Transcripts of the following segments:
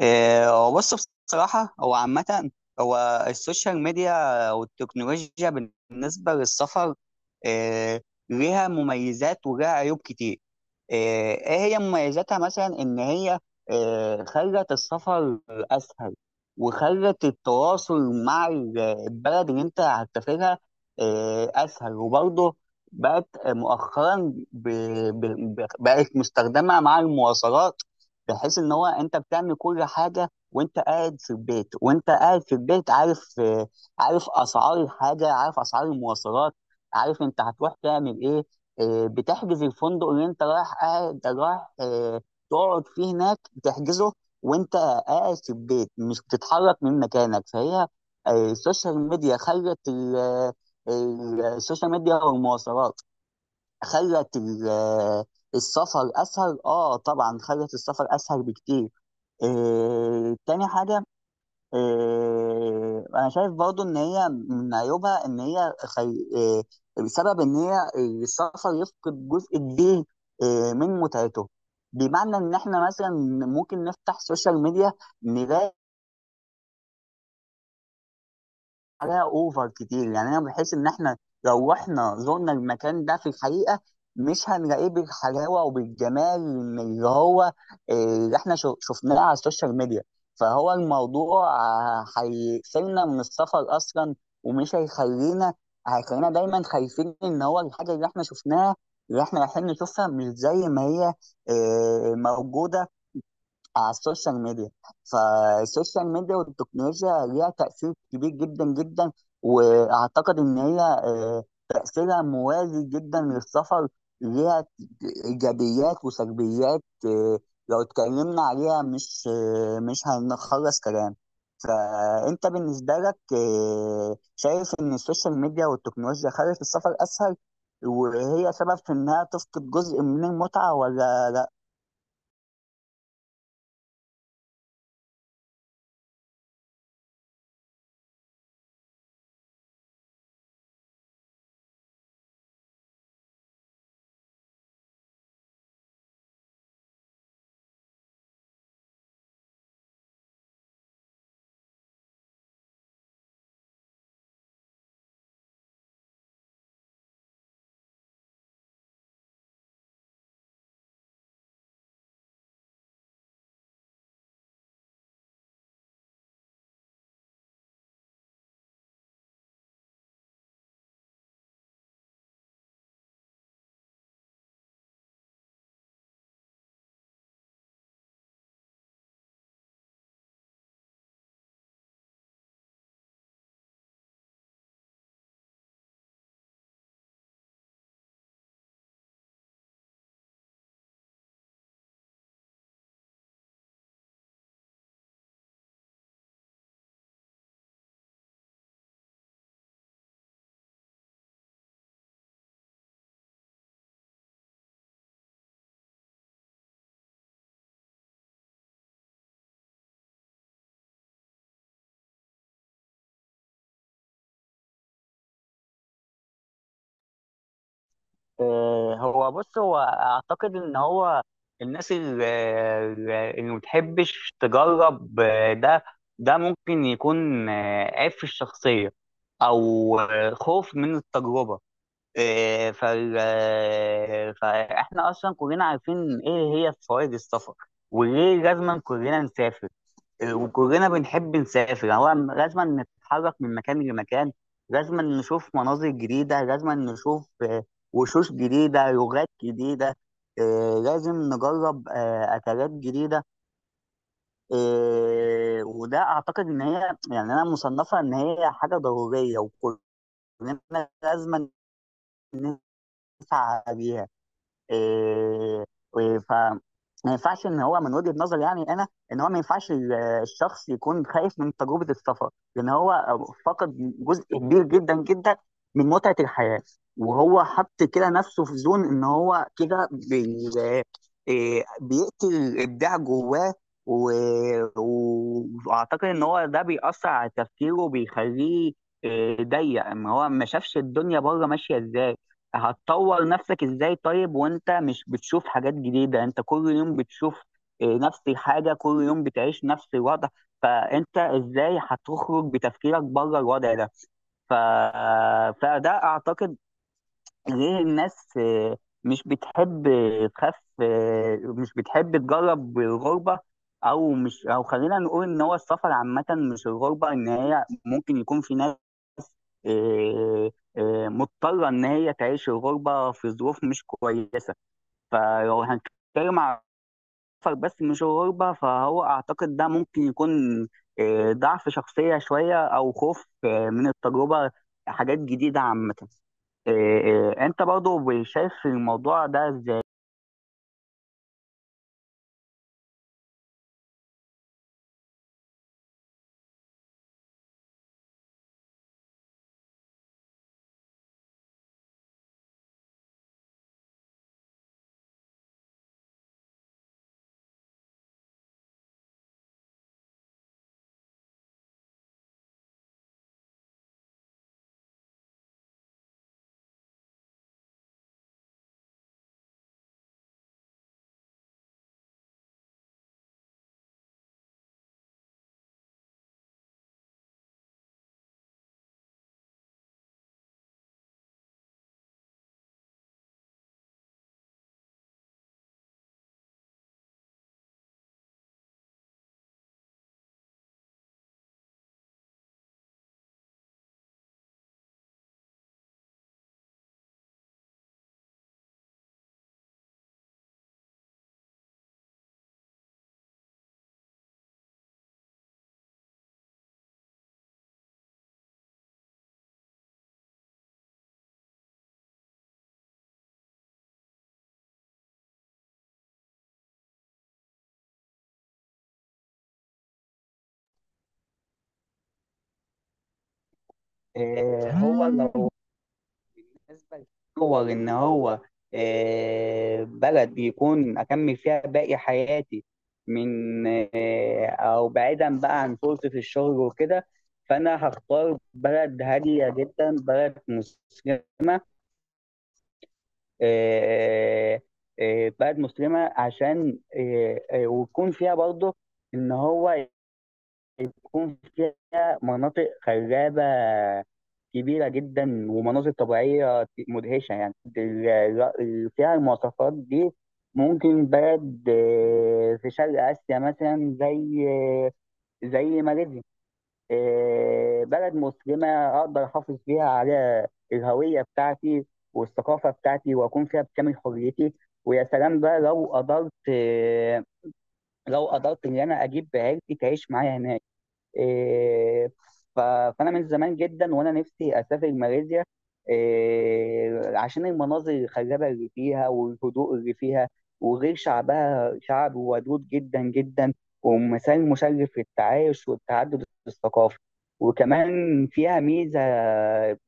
هو بص، بصراحة هو عامة، هو السوشيال ميديا والتكنولوجيا بالنسبة للسفر إيه، ليها مميزات وليها عيوب كتير. إيه هي مميزاتها مثلا إن هي خلت السفر أسهل، وخلت التواصل مع البلد اللي أنت هتسافرها أسهل. وبرضه بقت مؤخرا بقت مستخدمة مع المواصلات، بحيث ان هو انت بتعمل كل حاجه وانت قاعد في البيت، عارف، عارف اسعار الحاجه، عارف اسعار المواصلات، عارف انت هتروح تعمل ايه. آه، بتحجز الفندق اللي انت رايح تقعد فيه هناك، بتحجزه وانت قاعد في البيت مش بتتحرك من مكانك. فهي آه، السوشيال ميديا خلت السوشيال ميديا والمواصلات خلت السفر اسهل. اه طبعا خلت السفر اسهل بكتير. آه تاني حاجه، آه انا شايف برضو ان هي من عيوبها ان هي خي... آه بسبب ان هي السفر يفقد جزء كبير آه من متعته. بمعنى ان احنا مثلا ممكن نفتح سوشيال ميديا نلاقي عليها اوفر كتير. يعني انا بحس ان احنا لو رحنا زرنا المكان ده في الحقيقه مش هنلاقيه بالحلاوه وبالجمال من اللي هو آه، اللي احنا شفناه على السوشيال ميديا. فهو الموضوع آه، هيقفلنا من السفر اصلا، ومش هيخلينا هيخلينا دايما خايفين ان هو الحاجه اللي احنا شفناها اللي احنا رايحين نشوفها مش زي ما هي آه، موجوده على السوشيال ميديا. فالسوشيال ميديا والتكنولوجيا ليها تأثير كبير جدا جدا، وأعتقد إن هي آه، تأثيرها موازي جدا للسفر. ليها إيجابيات وسلبيات، آه، لو اتكلمنا عليها مش هنخلص كلام. فأنت بالنسبة لك آه، شايف إن السوشيال ميديا والتكنولوجيا خلت السفر أسهل وهي سبب في إنها تفقد جزء من المتعة ولا لا؟ آه، هو بص، هو اعتقد ان هو الناس اللي ما بتحبش تجرب، آه، ده ممكن يكون آه، عيب في الشخصيه او آه، خوف من التجربه. آه، فاحنا اصلا كلنا عارفين ايه هي فوائد السفر وليه لازم كلنا نسافر وكلنا بنحب نسافر. يعني هو لازم نتحرك من مكان لمكان، لازم نشوف مناظر جديدة، لازم نشوف آه، وشوش جديدة، لغات جديدة، آه، لازم نجرب آه، أكلات جديدة. آه، وده أعتقد إن هي، يعني أنا مصنفة إن هي حاجة ضرورية وكلنا لازم نسعى بيها. إيه، و- ف ما ينفعش ان هو، من وجهة نظري يعني انا، ان هو ما ينفعش الشخص يكون خايف من تجربة السفر. لان هو فقد جزء كبير جدا جدا من متعة الحياة، وهو حط كده نفسه في زون ان هو كده بي... إيه، بيقتل الابداع جواه، و... واعتقد ان هو ده بيأثر على تفكيره وبيخليه إيه، ضيق ان هو ما شافش الدنيا بره ماشية ازاي. هتطور نفسك ازاي طيب وانت مش بتشوف حاجات جديدة؟ انت كل يوم بتشوف آه، نفس الحاجة، كل يوم بتعيش نفس الوضع، فانت ازاي هتخرج بتفكيرك بره الوضع ده؟ ف... فده اعتقد ليه الناس آه، مش بتحب تخاف مش بتحب تجرب الغربة. او مش، او خلينا نقول ان هو السفر عامة مش الغربة، ان هي ممكن يكون في ناس إيه، إيه، مضطره ان هي تعيش الغربه في ظروف مش كويسه. فلو هنتكلم على السفر بس مش الغربه، فهو اعتقد ده ممكن يكون إيه، ضعف شخصيه شويه او خوف إيه، من التجربه، حاجات جديده عامه. إيه، إيه، انت برضو شايف الموضوع ده ازاي؟ إيه، هو لو بالنسبة لصور إن هو آه، بلد بيكون أكمل فيها باقي حياتي من آه، أو بعيدا بقى عن فرصة الشغل وكده، فأنا هختار بلد هادية جدا، بلد مسلمة، آه، آه، بلد مسلمة عشان ويكون فيها برضه إن هو بتكون فيها مناطق خلابة كبيرة جدا ومناظر طبيعية مدهشة. يعني فيها المواصفات دي، ممكن بلد آه، في شرق آسيا مثلا زي آه، زي ماليزيا. آه، بلد مسلمة أقدر أحافظ فيها على الهوية بتاعتي والثقافة بتاعتي وأكون فيها بكامل حريتي. ويا سلام بقى لو قدرت، لو قدرت إن أنا أجيب عيلتي تعيش معايا هناك. إيه، ف- فانا من زمان جدا وانا نفسي اسافر ماليزيا إيه، عشان المناظر الخلابه اللي فيها والهدوء اللي فيها، وغير شعبها شعب ودود جدا جدا ومثال مشرف للتعايش والتعدد الثقافي. وكمان فيها ميزه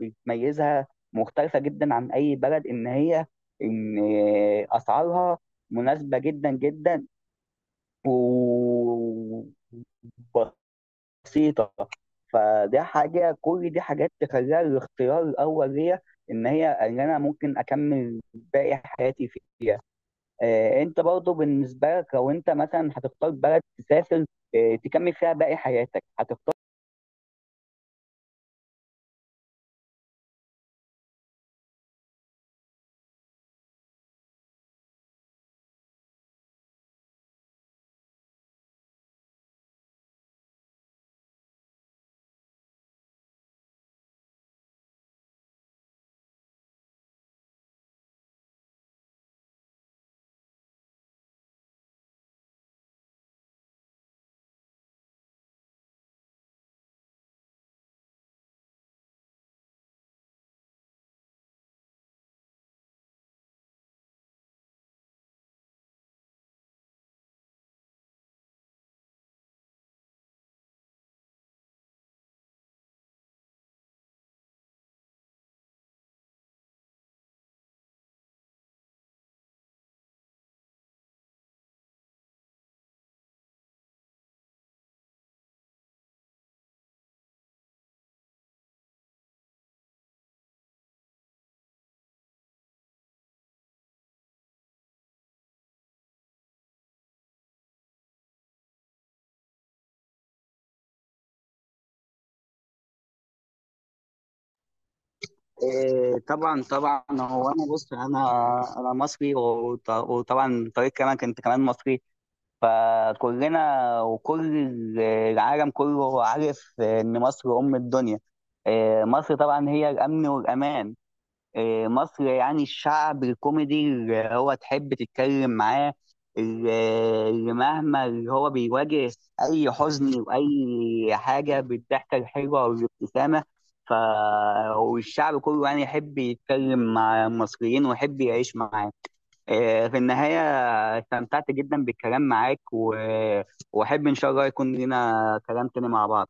بتميزها مختلفه جدا عن اي بلد، ان هي ان اسعارها مناسبه جدا جدا و بسيطة فده حاجة، كل دي حاجات تخليها الاختيار الأول ليا، إن هي إن أنا ممكن أكمل باقي حياتي فيه. آه، أنت برضو بالنسبة لك لو أنت مثلا هتختار بلد تسافر آه تكمل فيها باقي حياتك، هتختار؟ آه طبعا هو أنا بص، أنا مصري وطبعا طريق كمان أنت كمان مصري، فكلنا العالم كله عارف إن مصر أم الدنيا. آه، مصر طبعا هي الأمن والأمان. آه، مصر يعني الشعب الكوميدي اللي هو تحب تتكلم معاه، اللي اللي مهما اللي هو بيواجه أي حزن وأي حاجة بالضحكة الحلوة والابتسامة. ف والشعب كله يعني يحب يتكلم مع المصريين ويحب يعيش معاه. آه، في النهاية استمتعت جدا بالكلام معاك وأحب إن شاء الله يكون لنا كلام تاني مع بعض.